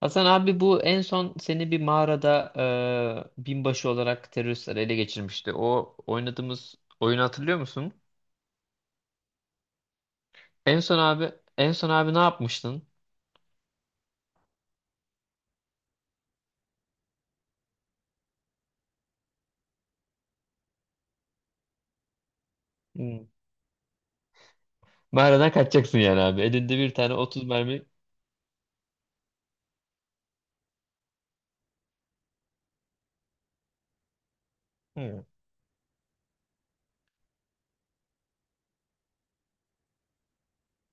Hasan abi bu en son seni bir mağarada binbaşı olarak teröristler ele geçirmişti. O oynadığımız oyunu hatırlıyor musun? En son abi En son abi ne yapmıştın? Hmm. Mağaradan kaçacaksın yani abi. Elinde bir tane 30 mermi. Hmm.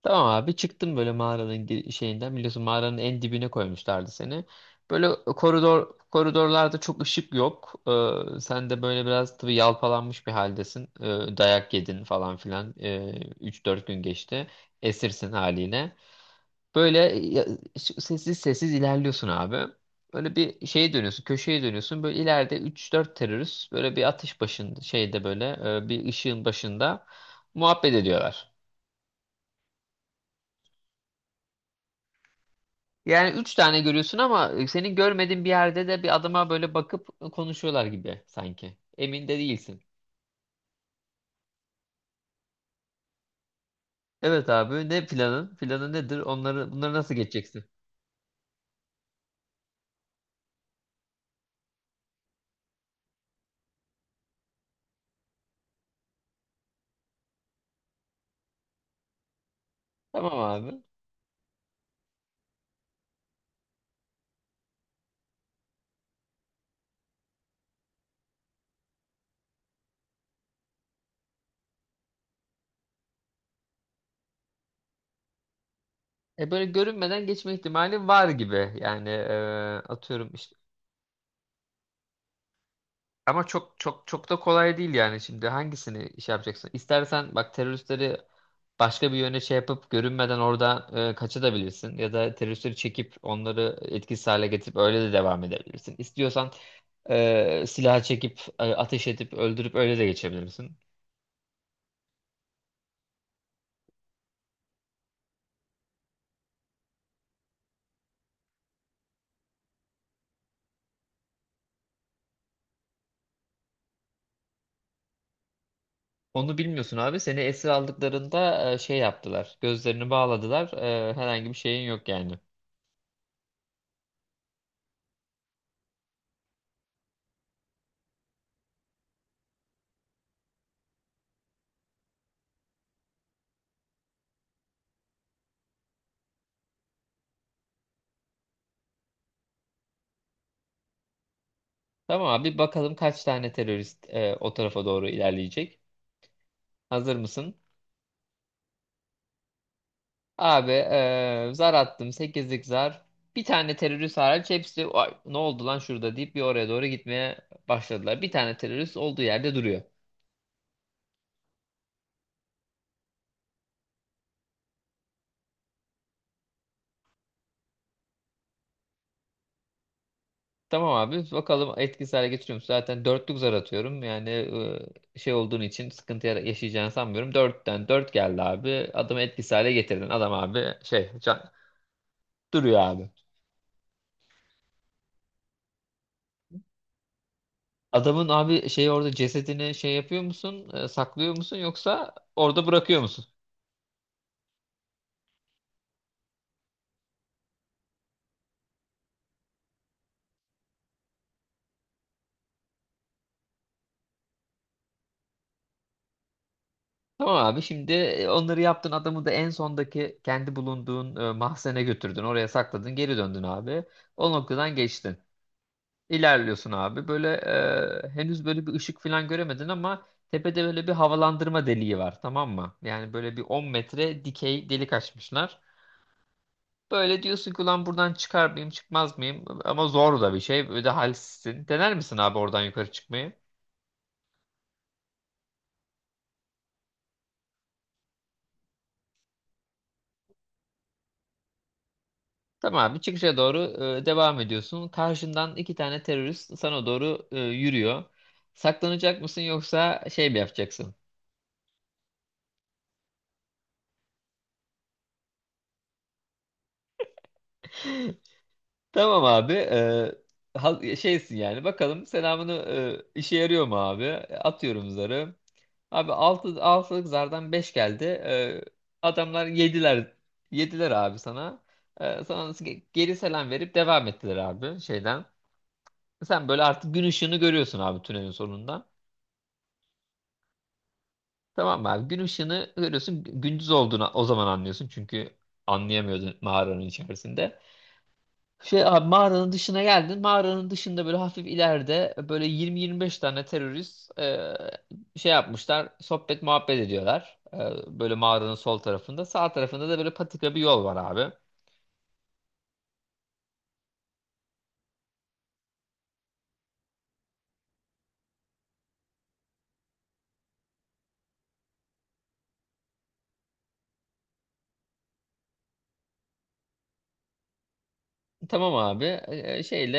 Tamam abi çıktım böyle mağaranın şeyinden, biliyorsun mağaranın en dibine koymuşlardı seni. Böyle koridorlarda çok ışık yok. Sen de böyle biraz tabii yalpalanmış bir haldesin. Dayak yedin falan filan. 3-4 gün geçti. Esirsin haline. Böyle sessiz sessiz ilerliyorsun abi. Böyle bir şeye dönüyorsun, köşeye dönüyorsun. Böyle ileride üç dört terörist böyle bir atış başında şeyde böyle bir ışığın başında muhabbet ediyorlar. Yani üç tane görüyorsun ama senin görmediğin bir yerde de bir adama böyle bakıp konuşuyorlar gibi sanki. Emin de değilsin. Evet abi, ne planın? Planın nedir? Onları bunları nasıl geçeceksin? Tamam abi. Böyle görünmeden geçme ihtimali var gibi. Yani atıyorum işte. Ama çok çok çok da kolay değil, yani şimdi hangisini iş yapacaksın? İstersen bak, teröristleri başka bir yöne şey yapıp görünmeden oradan kaçabilirsin, ya da teröristleri çekip onları etkisiz hale getirip öyle de devam edebilirsin. İstiyorsan silah çekip ateş edip öldürüp öyle de geçebilirsin. Onu bilmiyorsun abi. Seni esir aldıklarında şey yaptılar. Gözlerini bağladılar. Herhangi bir şeyin yok yani. Tamam abi bakalım, kaç tane terörist o tarafa doğru ilerleyecek. Hazır mısın? Abi zar attım. Sekizlik zar. Bir tane terörist hariç hepsi "Ay, ne oldu lan şurada" deyip bir oraya doğru gitmeye başladılar. Bir tane terörist olduğu yerde duruyor. Tamam abi, bakalım etkisiz hale getiriyor musun? Zaten dörtlük zar atıyorum. Yani şey olduğun için sıkıntı yaşayacağını sanmıyorum. Dörtten dört geldi abi. Adamı etkisiz hale getirdin. Adam abi şey duruyor abi. Adamın abi şey orada cesedini şey yapıyor musun? Saklıyor musun yoksa orada bırakıyor? Tamam abi, şimdi onları yaptın, adamı da en sondaki kendi bulunduğun mahzene götürdün, oraya sakladın, geri döndün abi, o noktadan geçtin, ilerliyorsun abi böyle. Henüz böyle bir ışık falan göremedin, ama tepede böyle bir havalandırma deliği var, tamam mı? Yani böyle bir 10 metre dikey delik açmışlar. Böyle diyorsun ki, ulan buradan çıkar mıyım çıkmaz mıyım, ama zor da bir şey, böyle de halsizsin. Dener misin abi oradan yukarı çıkmayı? Tamam abi, çıkışa doğru devam ediyorsun. Karşından iki tane terörist sana doğru yürüyor. Saklanacak mısın yoksa şey mi yapacaksın? Tamam abi. Şeysin yani. Bakalım selamını işe yarıyor mu abi? Atıyorum zarı. Abi altılık zardan 5 geldi. Adamlar yediler. Yediler abi sana. Sana geri selam verip devam ettiler abi şeyden. Sen böyle artık gün ışığını görüyorsun abi tünelin sonunda. Tamam mı abi, gün ışığını görüyorsun, gündüz olduğunu o zaman anlıyorsun çünkü anlayamıyordun mağaranın içerisinde. Şey abi, mağaranın dışına geldin, mağaranın dışında böyle hafif ileride böyle 20-25 tane terörist şey yapmışlar, sohbet muhabbet ediyorlar. Böyle mağaranın sol tarafında, sağ tarafında da böyle patika bir yol var abi. Tamam abi, şeyle,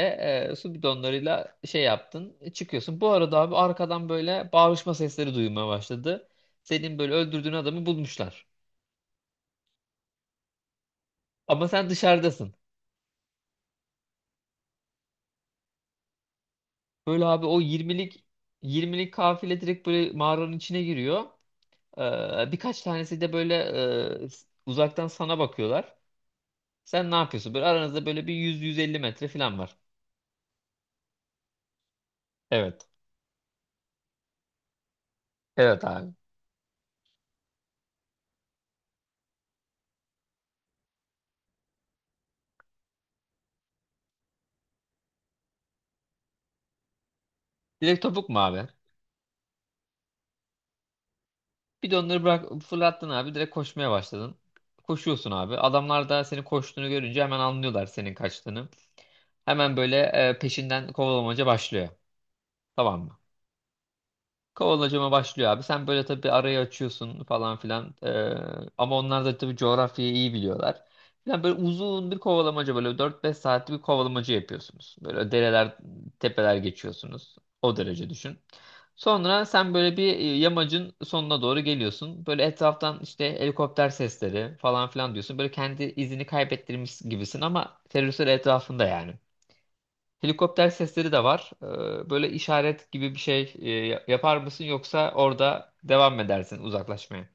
su bidonlarıyla şey yaptın, çıkıyorsun. Bu arada abi, arkadan böyle bağırışma sesleri duymaya başladı. Senin böyle öldürdüğün adamı bulmuşlar. Ama sen dışarıdasın. Böyle abi o 20'lik kafile direkt böyle mağaranın içine giriyor. Birkaç tanesi de böyle uzaktan sana bakıyorlar. Sen ne yapıyorsun? Böyle aranızda böyle bir 100-150 metre falan var. Evet. Evet abi. Direkt topuk mu abi? Bir de onları bırak fırlattın abi. Direkt koşmaya başladın. Koşuyorsun abi. Adamlar da senin koştuğunu görünce hemen anlıyorlar senin kaçtığını. Hemen böyle peşinden kovalamaca başlıyor. Tamam mı? Kovalacama başlıyor abi. Sen böyle tabii arayı açıyorsun falan filan. Ama onlar da tabii coğrafyayı iyi biliyorlar. Yani böyle uzun bir kovalamaca, böyle 4-5 saatlik bir kovalamaca yapıyorsunuz. Böyle dereler, tepeler geçiyorsunuz. O derece düşün. Sonra sen böyle bir yamacın sonuna doğru geliyorsun. Böyle etraftan işte helikopter sesleri falan filan diyorsun. Böyle kendi izini kaybettirmiş gibisin ama teröristler etrafında yani. Helikopter sesleri de var. Böyle işaret gibi bir şey yapar mısın, yoksa orada devam mı edersin uzaklaşmaya?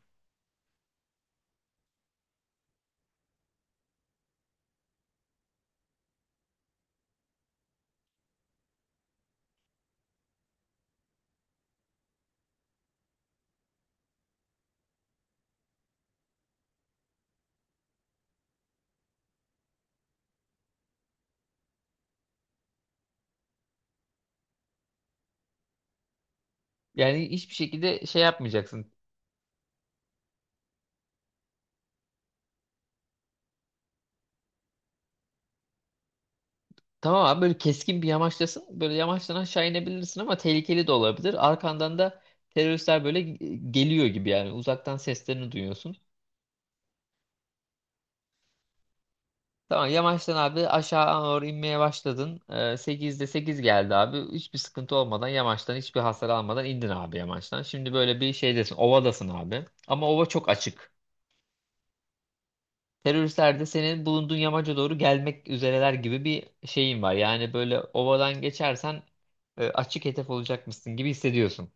Yani hiçbir şekilde şey yapmayacaksın. Tamam abi, böyle keskin bir yamaçtasın. Böyle yamaçtan aşağı inebilirsin ama tehlikeli de olabilir. Arkandan da teröristler böyle geliyor gibi, yani uzaktan seslerini duyuyorsun. Tamam yamaçtan abi aşağı doğru inmeye başladın. 8'de 8 geldi abi. Hiçbir sıkıntı olmadan yamaçtan, hiçbir hasar almadan indin abi yamaçtan. Şimdi böyle bir şeydesin, ovadasın abi. Ama ova çok açık. Teröristler de senin bulunduğun yamaca doğru gelmek üzereler gibi bir şeyin var. Yani böyle ovadan geçersen açık hedef olacakmışsın gibi hissediyorsun.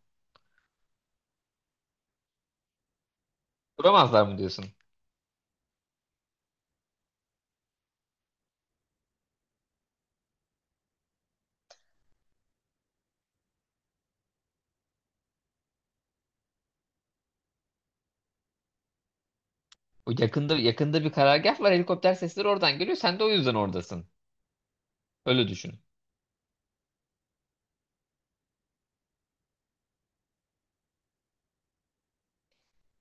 Duramazlar mı diyorsun? O yakında, yakında bir karargah var, helikopter sesleri oradan geliyor. Sen de o yüzden oradasın. Öyle düşün.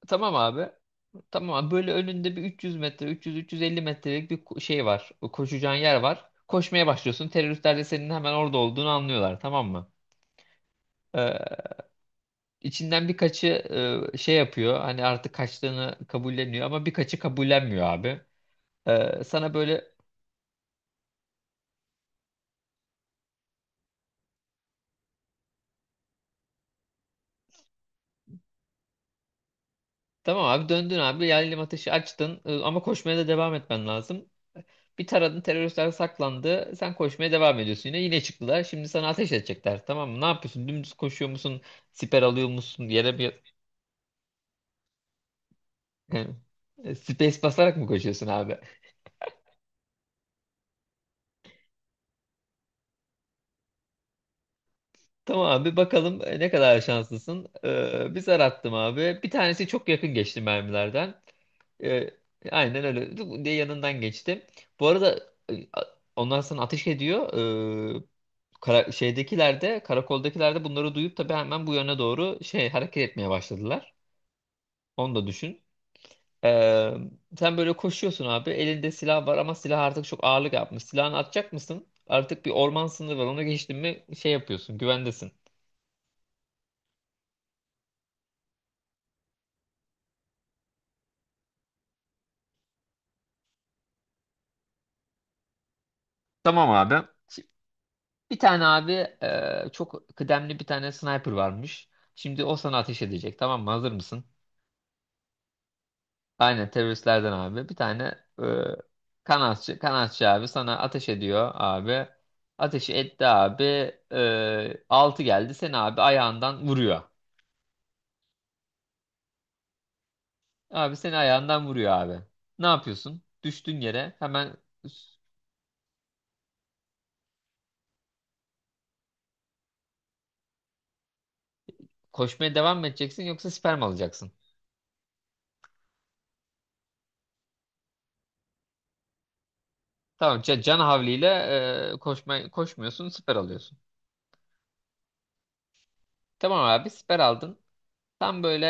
Tamam abi. Tamam abi. Böyle önünde bir 300 metre, 300-350 metrelik bir şey var. O koşacağın yer var. Koşmaya başlıyorsun. Teröristler de senin hemen orada olduğunu anlıyorlar, tamam mı? Ee, içinden birkaçı şey yapıyor. Hani artık kaçtığını kabulleniyor, ama birkaçı kabullenmiyor abi. Sana böyle. Tamam abi, döndün abi. Yaylım ateşi açtın. Ama koşmaya da devam etmen lazım. Bir taradın, teröristler saklandı. Sen koşmaya devam ediyorsun yine. Yine çıktılar. Şimdi sana ateş edecekler. Tamam mı? Ne yapıyorsun? Dümdüz koşuyor musun? Siper alıyor musun? Yere mi? Space basarak mı koşuyorsun abi? Tamam abi, bakalım ne kadar şanslısın. Bir zar attım abi. Bir tanesi çok yakın geçti mermilerden. Ee, aynen öyle, Dık diye yanından geçti. Bu arada e, a- onlar sana ateş ediyor. Ee, Şeydekiler de, karakoldakiler de bunları duyup tabii hemen bu yöne doğru şey hareket etmeye başladılar. Onu da düşün. Ee, Sen böyle koşuyorsun abi. Elinde silah var ama silah artık çok ağırlık yapmış. Silahını atacak mısın? Artık bir orman sınırı var. Onu geçtin mi şey yapıyorsun. Güvendesin. Tamam abi. Şimdi bir tane abi çok kıdemli bir tane sniper varmış. Şimdi o sana ateş edecek. Tamam mı? Hazır mısın? Aynen teröristlerden abi. Bir tane e, kanatçı abi sana ateş ediyor abi. Ateşi etti abi. Altı geldi. Seni abi ayağından vuruyor. Abi seni ayağından vuruyor abi. Ne yapıyorsun? Düştün yere, hemen koşmaya devam mı edeceksin yoksa siper mi alacaksın? Tamam can havliyle koşmuyorsun, siper alıyorsun. Tamam abi siper aldın. Tam böyle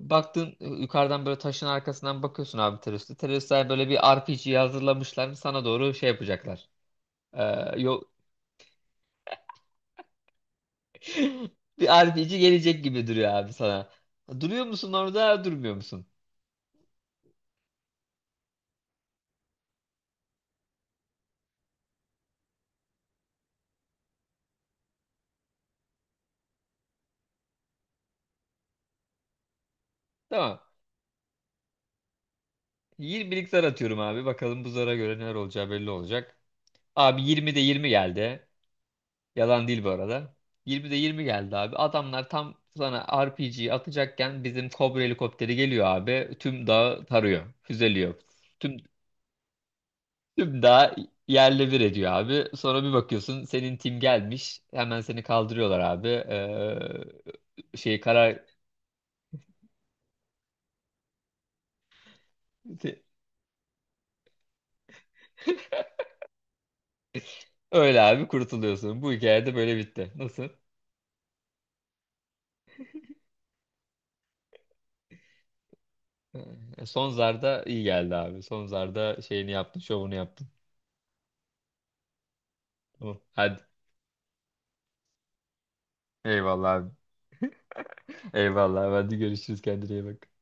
baktın, yukarıdan böyle taşın arkasından bakıyorsun abi teröriste. Teröristler böyle bir RPG hazırlamışlar, sana doğru şey yapacaklar. E, Yok, bir RPG gelecek gibi duruyor abi sana. Duruyor musun orada, durmuyor musun? Tamam. 20'lik zar atıyorum abi. Bakalım bu zara göre neler olacağı belli olacak. Abi 20'de 20 geldi. Yalan değil bu arada. 20'de 20 geldi abi. Adamlar tam sana RPG'yi atacakken bizim Cobra helikopteri geliyor abi. Tüm dağı tarıyor. Füzeliyor. Tüm, Tüm dağı yerle bir ediyor abi. Sonra bir bakıyorsun, senin tim gelmiş. Hemen seni kaldırıyorlar abi. Şey karar. Öyle abi kurtuluyorsun. Bu hikayede böyle bitti. Nasıl? Son zarda iyi geldi abi. Son zarda şeyini yaptın, şovunu yaptın. Tamam. Hadi. Eyvallah abi. Eyvallah. Hadi görüşürüz. Kendine iyi bak.